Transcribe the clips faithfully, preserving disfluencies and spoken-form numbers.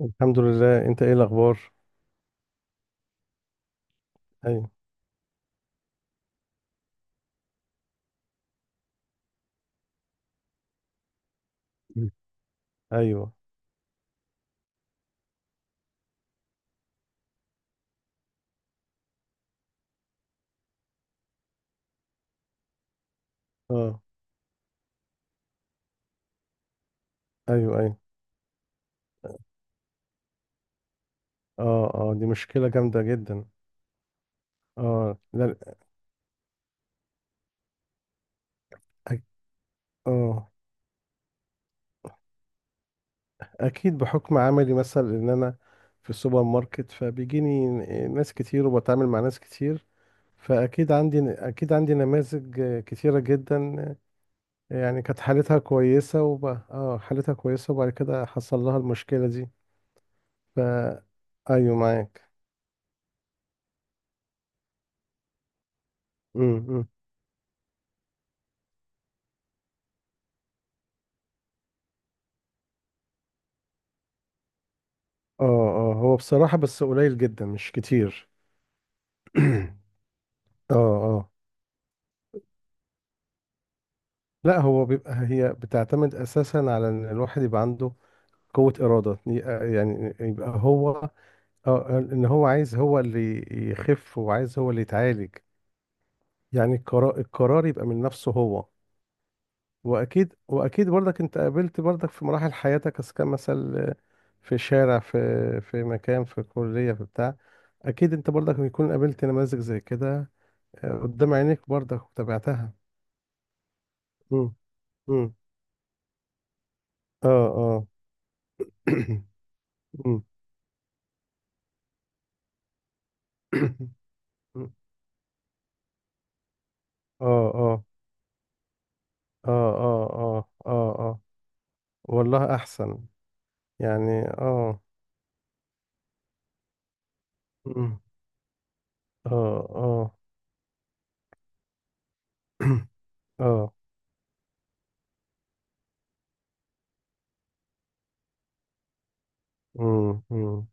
الحمد لله، انت ايه الاخبار؟ ايوه. ايوه. اه. ايوه، ايوه. اه، اه، دي مشكله جامده جدا. اه، لا. أك... اه، اكيد بحكم عملي مثلا ان انا في السوبر ماركت، فبيجيني ناس كتير وبتعامل مع ناس كتير، فاكيد عندي اكيد عندي نماذج آه، كتيره جدا. آه، يعني كانت حالتها كويسه، وب... اه حالتها كويسه وبعد كده حصل لها المشكله دي. ف ايوه، معاك. اه، اه، هو بصراحة بس قليل جدا، مش كتير. اه، اه، لا، هو بيبقى هي بتعتمد اساسا على ان الواحد يبقى عنده قوة إرادة، ي- آه، يعني يبقى هو. اه ان هو عايز، هو اللي يخف وعايز هو اللي يتعالج. يعني القرار القرار يبقى من نفسه هو. واكيد واكيد برضك انت قابلت برضك في مراحل حياتك، اذا كان مثلا في شارع، في في مكان، في كلية، في بتاع، اكيد انت برضك بيكون قابلت نماذج زي كده قدام عينيك برضك تابعتها. مم. مم. اه، اه. مم. اه، اه، اه، اه، اه، اه، اه، والله احسن. يعني، اه. مم. اه، اه، اه. مم. مم.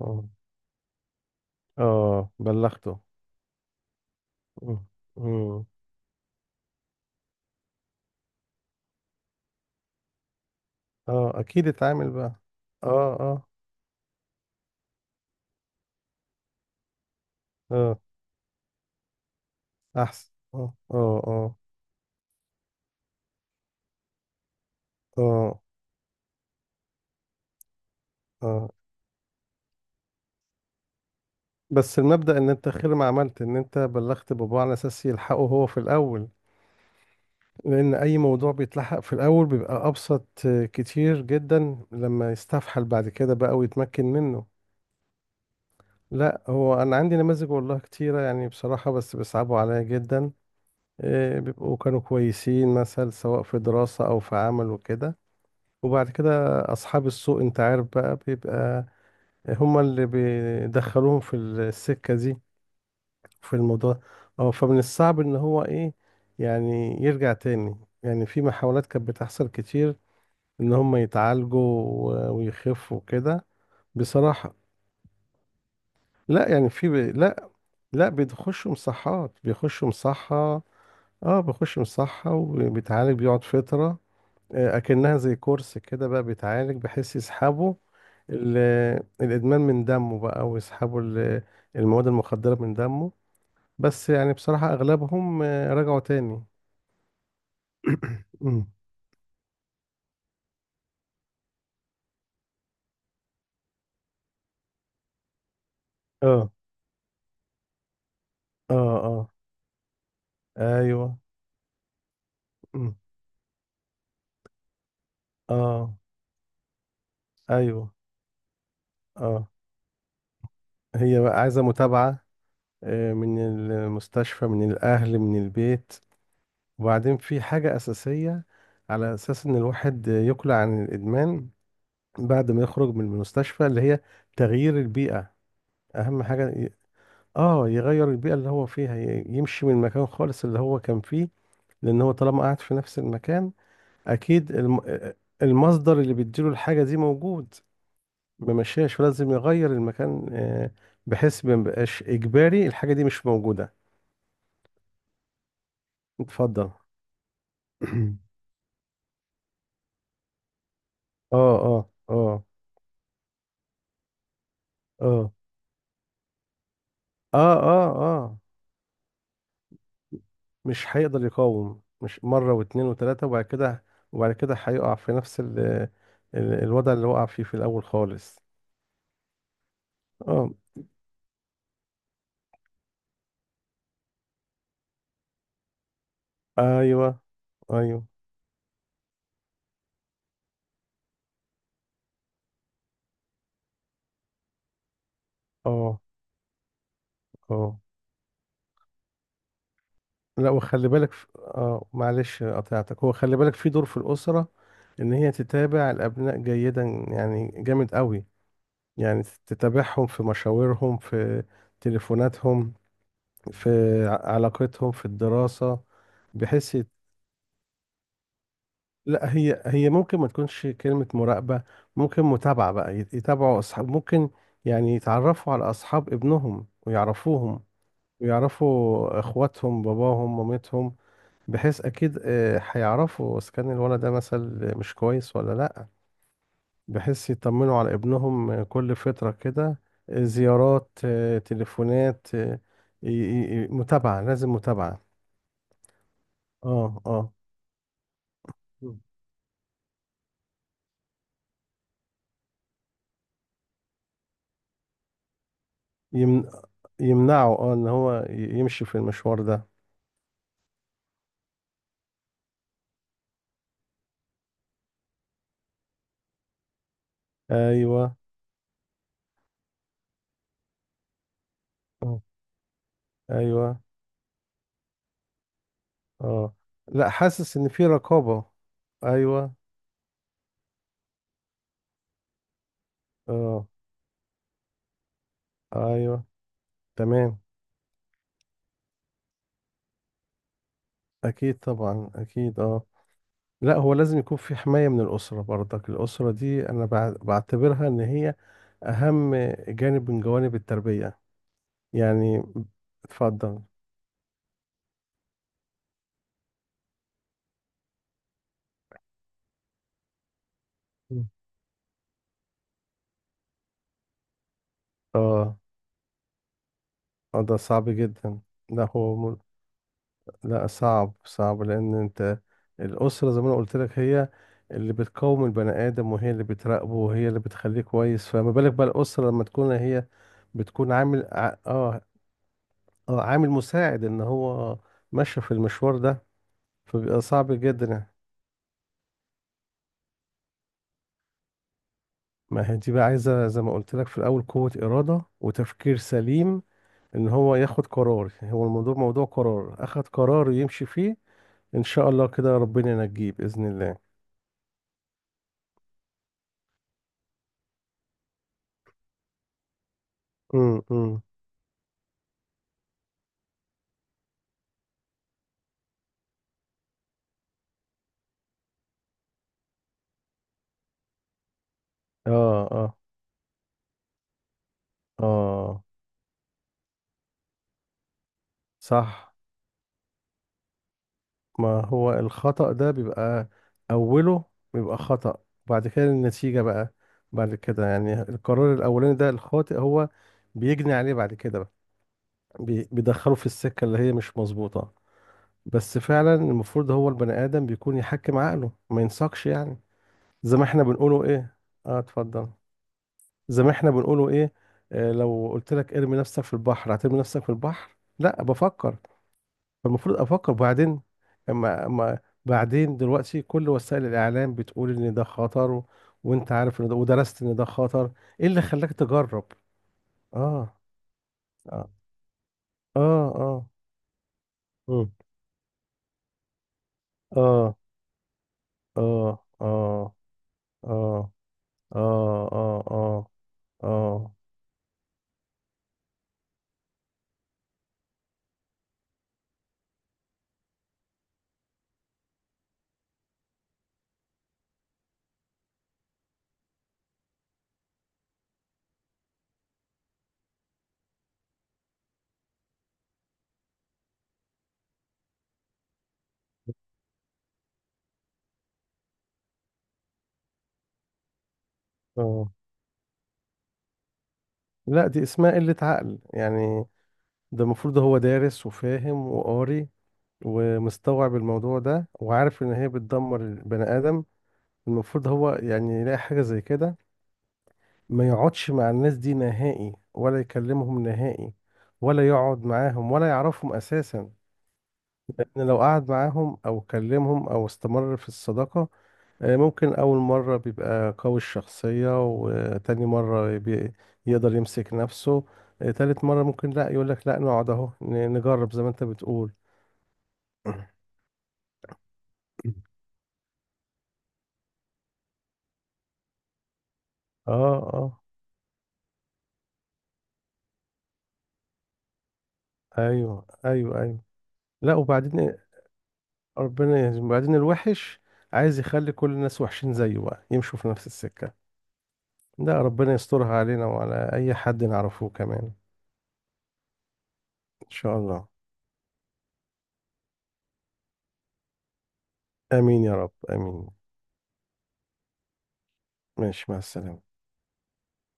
اه، اه، بلغته. مم. مم. اه، اكيد اتعامل بقى. اه، اه، اه، احسن، اه، اه، اه، اه، اه، بس المبدأ ان انت خير ما عملت ان انت بلغت باباه على اساس يلحقه هو في الاول. لان اي موضوع بيتلحق في الاول بيبقى ابسط كتير جدا لما يستفحل بعد كده بقى ويتمكن منه. لا، هو انا عندي نماذج والله كتيرة، يعني بصراحة، بس بيصعبوا عليا جدا. إيه، بيبقوا كانوا كويسين مثلا سواء في دراسة او في عمل وكده، وبعد كده اصحاب السوء انت عارف بقى، بيبقى هما اللي بيدخلوهم في السكة دي في الموضوع. اه فمن الصعب ان هو ايه يعني يرجع تاني. يعني في محاولات كانت بتحصل كتير ان هم يتعالجوا و- ويخفوا كده. بصراحة، لا، يعني في ب... لا، لا، بيخشوا مصحات، بيخشوا مصحة. اه، بيخشوا مصحة وبيتعالج، بيقعد فترة. آه، اكنها زي كورس كده بقى، بيتعالج بحيث يسحبوا ال... الادمان من دمه، بقى ويسحبوا ال- المواد المخدرة من دمه. بس يعني بصراحة اغلبهم آه، رجعوا تاني. أمم. اه، اه، اه، ايوه، أمم. اه، ايوه، اه، هي بقى عايزه متابعه آه، من المستشفى، من الاهل، من البيت. وبعدين في حاجه اساسيه على اساس ان الواحد يقلع عن الادمان بعد ما يخرج من المستشفى، اللي هي تغيير البيئه. اهم حاجه ي- اه يغير البيئه اللي هو فيها، ي- يمشي من المكان خالص اللي هو كان فيه. لان هو طالما قاعد في نفس المكان، اكيد الم... المصدر اللي بيديله الحاجه دي موجود. ممشيهاش، لازم يغير المكان آه، بحيث ما يبقاش اجباري، الحاجه دي مش موجوده. اتفضل. اه، اه، اه، اه، اه، اه، اه، مش هيقدر يقاوم، مش مرة واتنين وتلاتة، وبعد كده وبعد كده هيقع في نفس ال ال الوضع اللي وقع فيه في الأول خالص. اه، ايوه، ايوه، اه، اه، لا، وخلي بالك في... اه معلش قطعتك، هو خلي بالك في دور في الأسرة، إن هي تتابع الأبناء جيدا، يعني جامد قوي. يعني تتابعهم في مشاورهم، في تليفوناتهم، في ع- علاقتهم في الدراسة، بحيث يت- لا، هي هي ممكن ما تكونش كلمة مراقبة، ممكن متابعة بقى، يت- يتابعوا أصحاب ممكن، يعني يتعرفوا على أصحاب ابنهم ويعرفوهم، ويعرفوا إخواتهم، باباهم، مامتهم، بحيث اكيد آه، هيعرفوا اذا كان الولد ده مثلا مش كويس ولا لا، بحيث يطمنوا على ابنهم آه، كل فترة كده. آه، زيارات، آه، تليفونات، آه، ي- ي- ي- متابعة، لازم متابعة. اه، اه. مم. يمن... يمنعه اه ان هو ي- يمشي في المشوار ده. ايوه، آه. ايوه، اه، لا، حاسس ان في رقابة. ايوه، اه، ايوه، تمام. اكيد طبعا، اكيد، اه. لا، هو لازم يكون في حماية من الأسرة برضك، الأسرة دي أنا بع- بعتبرها إن هي أهم جانب من جوانب التربية، يعني. اتفضل. مم. اه، آه، ده صعب جدا. لا، هو مل... لا، صعب، صعب، لأن أنت الأسرة زي ما أنا قلت لك هي اللي بتقوم البني آدم، وهي اللي بتراقبه، وهي اللي بتخليه كويس، فما بالك بقى الأسرة لما تكون هي بتكون عامل ع- اه اه عامل مساعد إن هو ماشي في المشوار ده، فبيبقى صعب جدا يعني. ما هي دي بقى عايزة زي ما قلت لك في الأول قوة إرادة وتفكير سليم، إن هو ياخد قرار. يعني هو الموضوع موضوع قرار، أخد قرار يمشي فيه. إن شاء الله كده ربنا ينجيه بإذن الله. امم. امم. آه. آه. آه. صح. ما هو الخطأ ده بيبقى أوله، بيبقى خطأ، بعد كده النتيجة بقى بعد كده، يعني القرار الأولاني ده الخاطئ هو بيجني عليه بعد كده بقى. بي- بيدخله في السكة اللي هي مش مظبوطة. بس فعلا المفروض هو البني آدم بيكون يحكم عقله، ما ينساقش، يعني. زي ما احنا بنقوله ايه. اه، اتفضل. زي ما احنا بنقوله ايه. آه، لو قلت لك ارمي نفسك في البحر، هترمي نفسك في البحر؟ لا، بفكر. فالمفروض افكر، وبعدين اما اما بعدين دلوقتي كل وسائل الاعلام بتقول ان ده خطر، و... وانت عارف ان ده، ودرست ان ده خطر، ايه اللي خلاك تجرب؟ اه، اه، اه، اه. مم. اه، اه، اه، اه، اه، اه، اه، اه، اه. لا، دي اسمها قلة عقل، يعني ده المفروض هو دارس وفاهم وقاري ومستوعب الموضوع ده وعارف ان هي بتدمر البني ادم. المفروض هو يعني يلاقي حاجة زي كده، ما يقعدش مع الناس دي نهائي، ولا يكلمهم نهائي، ولا يقعد معاهم، ولا يعرفهم اساسا. لان لو قعد معاهم او كلمهم او استمر في الصداقة، آه، ممكن أول مرة بيبقى قوي الشخصية، وتاني مرة بي- يقدر يمسك نفسه، آه، تالت مرة ممكن لا يقولك لا نقعد أهو ن- نجرب زي ما أنت بتقول. اه، اه، ايوه، ايوه، ايوه. لا، وبعدين ربنا يهزم وبعدين الوحش عايز يخلي كل الناس وحشين زيه بقى، يمشوا في نفس السكة. لا، ربنا يسترها علينا وعلى أي حد نعرفه كمان. إن شاء الله. آمين يا رب، آمين. ماشي، مع السلامة.